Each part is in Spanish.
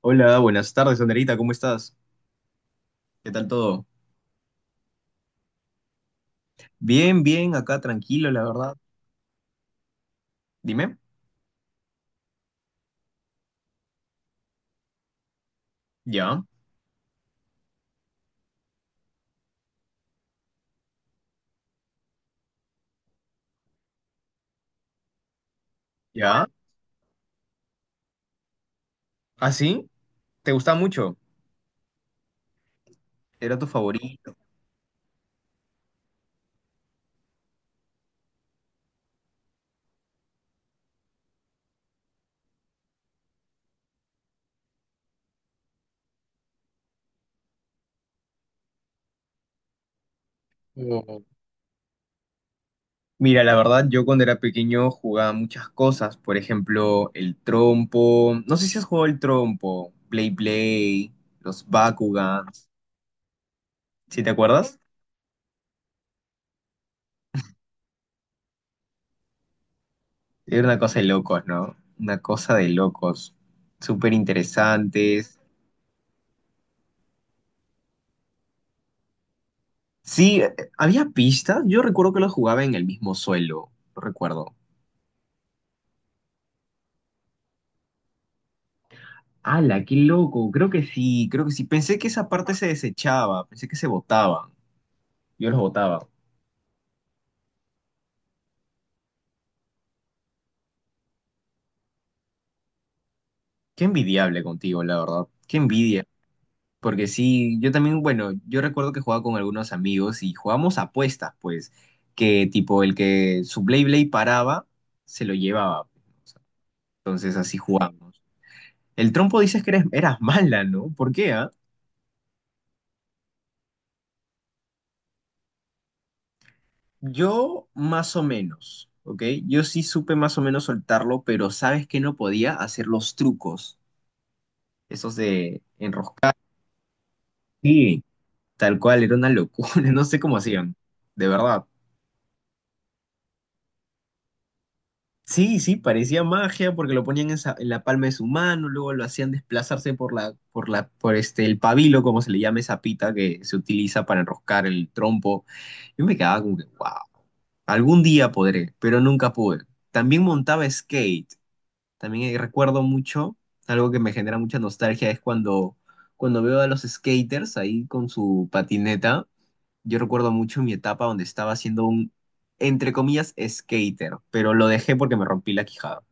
Hola, buenas tardes, Anderita, ¿cómo estás? ¿Qué tal todo? Bien, bien, acá tranquilo, la verdad. Dime. Ya, ya. ¿Ah, sí? ¿Te gusta mucho? ¿Era tu favorito? o- Mira, la verdad, yo cuando era pequeño jugaba muchas cosas, por ejemplo, el trompo. No sé si has jugado el trompo, Play Play, los Bakugans. ¿Sí te acuerdas? Era una cosa de locos, ¿no? Una cosa de locos. Súper interesantes. Sí, había pistas. Yo recuerdo que lo jugaba en el mismo suelo. Lo recuerdo. ¡Hala, qué loco! Creo que sí, creo que sí. Pensé que esa parte se desechaba, pensé que se botaban. Yo los botaba. Qué envidiable contigo, la verdad. Qué envidia. Porque sí, yo también, bueno, yo recuerdo que jugaba con algunos amigos y jugábamos apuestas, pues, que tipo el que su Blay Blay paraba, se lo llevaba. Entonces así. Sí, jugábamos. El trompo dices que eras mala, ¿no? ¿Por qué, ah? Yo más o menos, ¿ok? Yo sí supe más o menos soltarlo, pero sabes que no podía hacer los trucos, esos de enroscar. Sí, tal cual, era una locura, no sé cómo hacían, de verdad. Sí, sí, parecía magia porque lo ponían en, en la palma de su mano, luego lo hacían desplazarse por la, el pabilo, como se le llama esa pita que se utiliza para enroscar el trompo. Yo me quedaba como que, wow, algún día podré, pero nunca pude. También montaba skate. También recuerdo mucho, algo que me genera mucha nostalgia es cuando, cuando veo a los skaters ahí con su patineta. Yo recuerdo mucho mi etapa donde estaba siendo un, entre comillas, skater, pero lo dejé porque me rompí la quijada.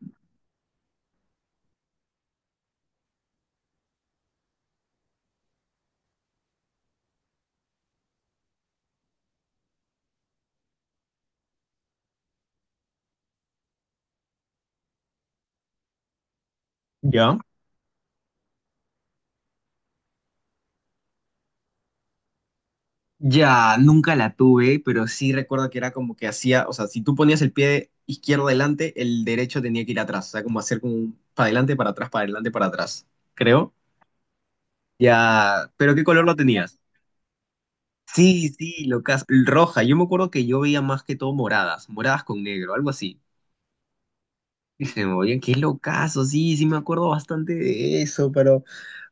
¿Ya? Ya, nunca la tuve, pero sí recuerdo que era como que hacía, o sea, si tú ponías el pie izquierdo adelante, el derecho tenía que ir atrás, o sea, como hacer como un para adelante, para atrás, para adelante, para atrás, creo. Ya, pero ¿qué color lo tenías? Sí, sí, locas. Roja. Yo me acuerdo que yo veía más que todo moradas, moradas con negro, algo así. Y se me oye, qué locazo, sí, sí me acuerdo bastante de eso, pero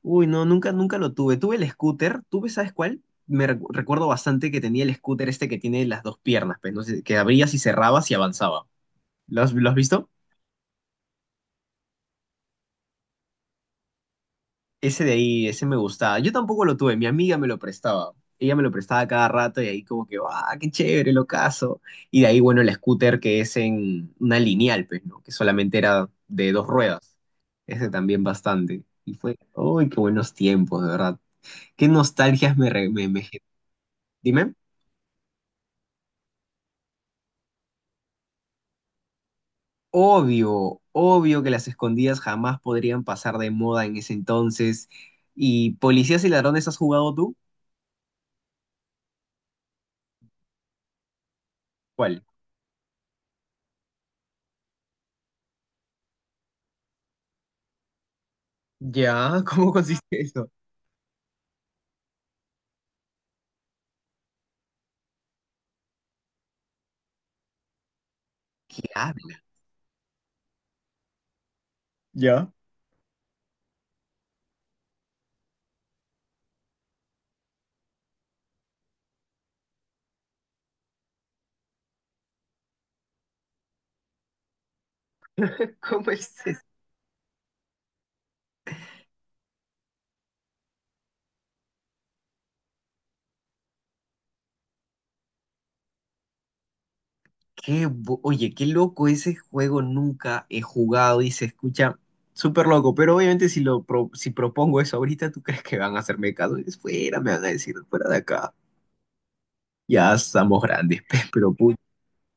uy, no, nunca, nunca lo tuve. Tuve el scooter, ¿tuve, sabes cuál? Me recuerdo bastante que tenía el scooter este que tiene las dos piernas, pues, no sé, que abrías y cerrabas y avanzaba. Lo has visto? Ese de ahí, ese me gustaba. Yo tampoco lo tuve, mi amiga me lo prestaba. Ella me lo prestaba cada rato y ahí como que, ¡ah, qué chévere, lo caso! Y de ahí, bueno, el scooter que es en una lineal, pues, ¿no? Que solamente era de dos ruedas. Ese también bastante. Y fue, ¡ay, qué buenos tiempos, de verdad! ¡Qué nostalgias me... Dime. Obvio, obvio que las escondidas jamás podrían pasar de moda en ese entonces. ¿Y Policías y Ladrones has jugado tú? ¿Cuál? Ya, ¿cómo consiste eso? Claro. Ya. ¿Cómo es eso? Oye, qué loco ese juego, nunca he jugado y se escucha súper loco, pero obviamente si si propongo eso ahorita, ¿tú crees que van a hacerme caso? Dices, fuera, me van a decir, fuera de acá. Ya estamos grandes, pero puto,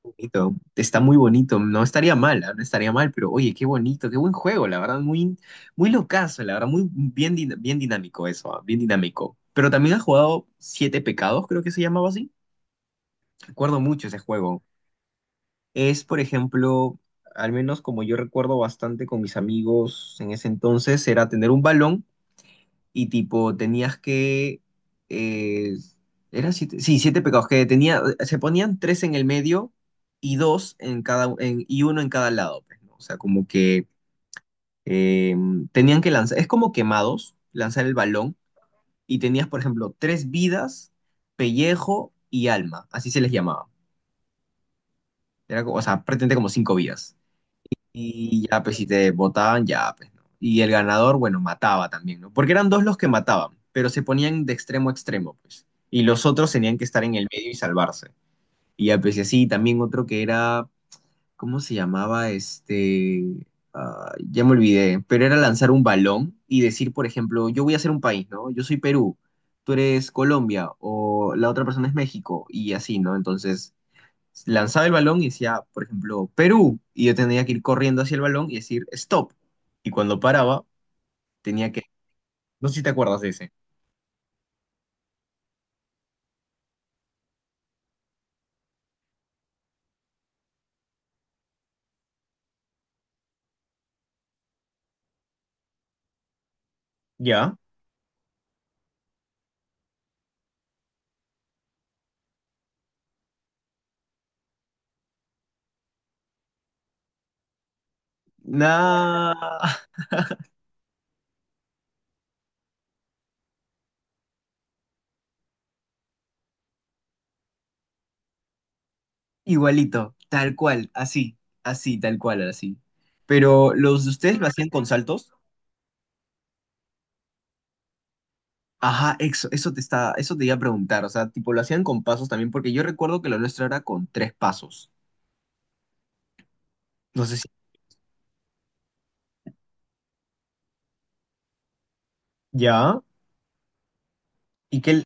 bonito. Está muy bonito, no estaría mal, ¿ah? No estaría mal, pero oye, qué bonito, qué buen juego, la verdad, muy, muy locazo, la verdad, muy bien, bien dinámico eso, ¿ah? Bien dinámico. Pero también has jugado Siete Pecados, creo que se llamaba así. Recuerdo mucho ese juego. Es, por ejemplo, al menos como yo recuerdo bastante con mis amigos en ese entonces, era tener un balón y tipo tenías que... eh, eran siete, sí, siete pecados, que tenía, se ponían tres en el medio y dos en cada, y uno en cada lado, pues, ¿no? O sea, como que eh, tenían que lanzar, es como quemados, lanzar el balón y tenías, por ejemplo, tres vidas, pellejo y alma, así se les llamaba. Era, o sea, prácticamente como cinco vidas. Y ya, pues si te votaban, ya, pues, ¿no? Y el ganador, bueno, mataba también, ¿no? Porque eran dos los que mataban, pero se ponían de extremo a extremo, pues. Y los otros tenían que estar en el medio y salvarse. Y ya, pues y así, también otro que era, ¿cómo se llamaba? Este, ah, ya me olvidé, pero era lanzar un balón y decir, por ejemplo, yo voy a hacer un país, ¿no? Yo soy Perú, tú eres Colombia o la otra persona es México y así, ¿no? Entonces lanzaba el balón y decía, por ejemplo, Perú, y yo tenía que ir corriendo hacia el balón y decir, stop. Y cuando paraba, tenía que, no sé si te acuerdas de ese, ¿ya? Nada, igualito, tal cual, así, así, tal cual, así. Pero los de ustedes lo hacían con saltos. Ajá, eso te iba a preguntar, o sea, tipo, lo hacían con pasos también, porque yo recuerdo que lo nuestro era con tres pasos. No sé si, ¿ya? ¿Y qué,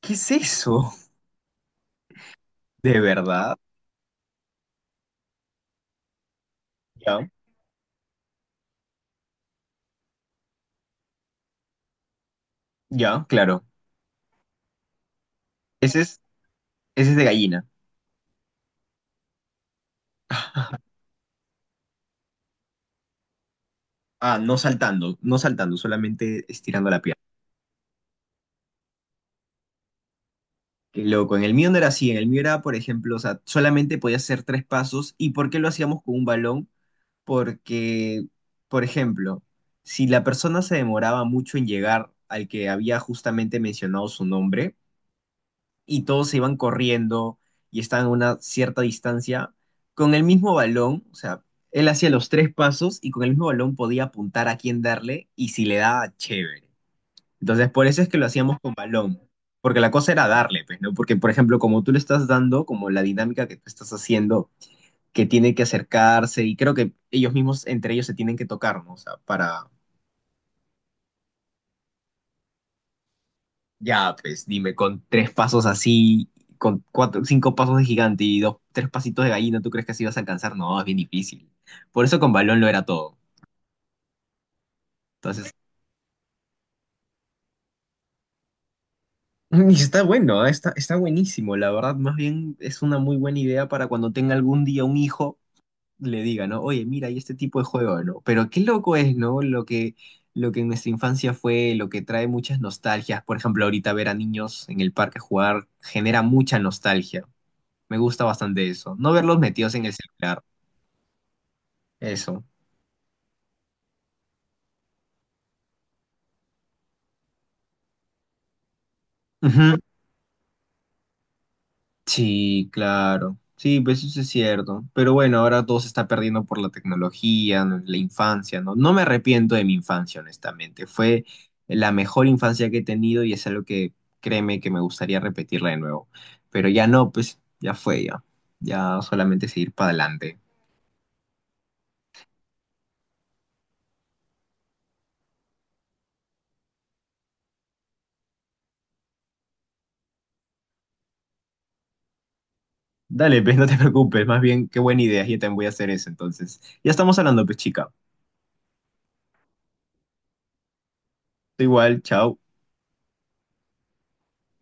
qué es eso? ¿De verdad? Ya, ya, claro. Ese es, Ese es de gallina. Ah, no saltando, no saltando, solamente estirando la pierna. Qué loco. En el mío no era así. En el mío era, por ejemplo, o sea, solamente podía hacer tres pasos. ¿Y por qué lo hacíamos con un balón? Porque, por ejemplo, si la persona se demoraba mucho en llegar al que había justamente mencionado su nombre y todos se iban corriendo y estaban a una cierta distancia, con el mismo balón, o sea, él hacía los tres pasos y con el mismo balón podía apuntar a quién darle y si le daba, chévere. Entonces, por eso es que lo hacíamos con balón, porque la cosa era darle, pues, ¿no? Porque, por ejemplo, como tú le estás dando, como la dinámica que tú estás haciendo, que tiene que acercarse, y creo que ellos mismos, entre ellos, se tienen que tocar, ¿no? O sea, para, ya, pues, dime, con tres pasos así, con cuatro, cinco pasos de gigante y dos, tres pasitos de gallina, ¿tú crees que así vas a alcanzar? No, es bien difícil. Por eso con balón lo era todo. Entonces, y está bueno, ¿eh? Está, está buenísimo, la verdad, más bien es una muy buena idea para cuando tenga algún día un hijo le diga, ¿no? Oye, mira, hay este tipo de juego, ¿no? Pero qué loco es, ¿no? Lo que en nuestra infancia fue, lo que trae muchas nostalgias. Por ejemplo, ahorita ver a niños en el parque jugar genera mucha nostalgia. Me gusta bastante eso. No verlos metidos en el celular. Eso. Ujú. Sí, claro. Sí, pues eso es cierto. Pero bueno, ahora todo se está perdiendo por la tecnología, ¿no? La infancia, ¿no? No me arrepiento de mi infancia, honestamente. Fue la mejor infancia que he tenido y es algo que créeme que me gustaría repetirla de nuevo. Pero ya no, pues ya fue ya. Ya solamente seguir para adelante. Dale, pues no te preocupes. Más bien, qué buena idea. Yo también voy a hacer eso. Entonces, ya estamos hablando, pues chica. Tú igual, chao.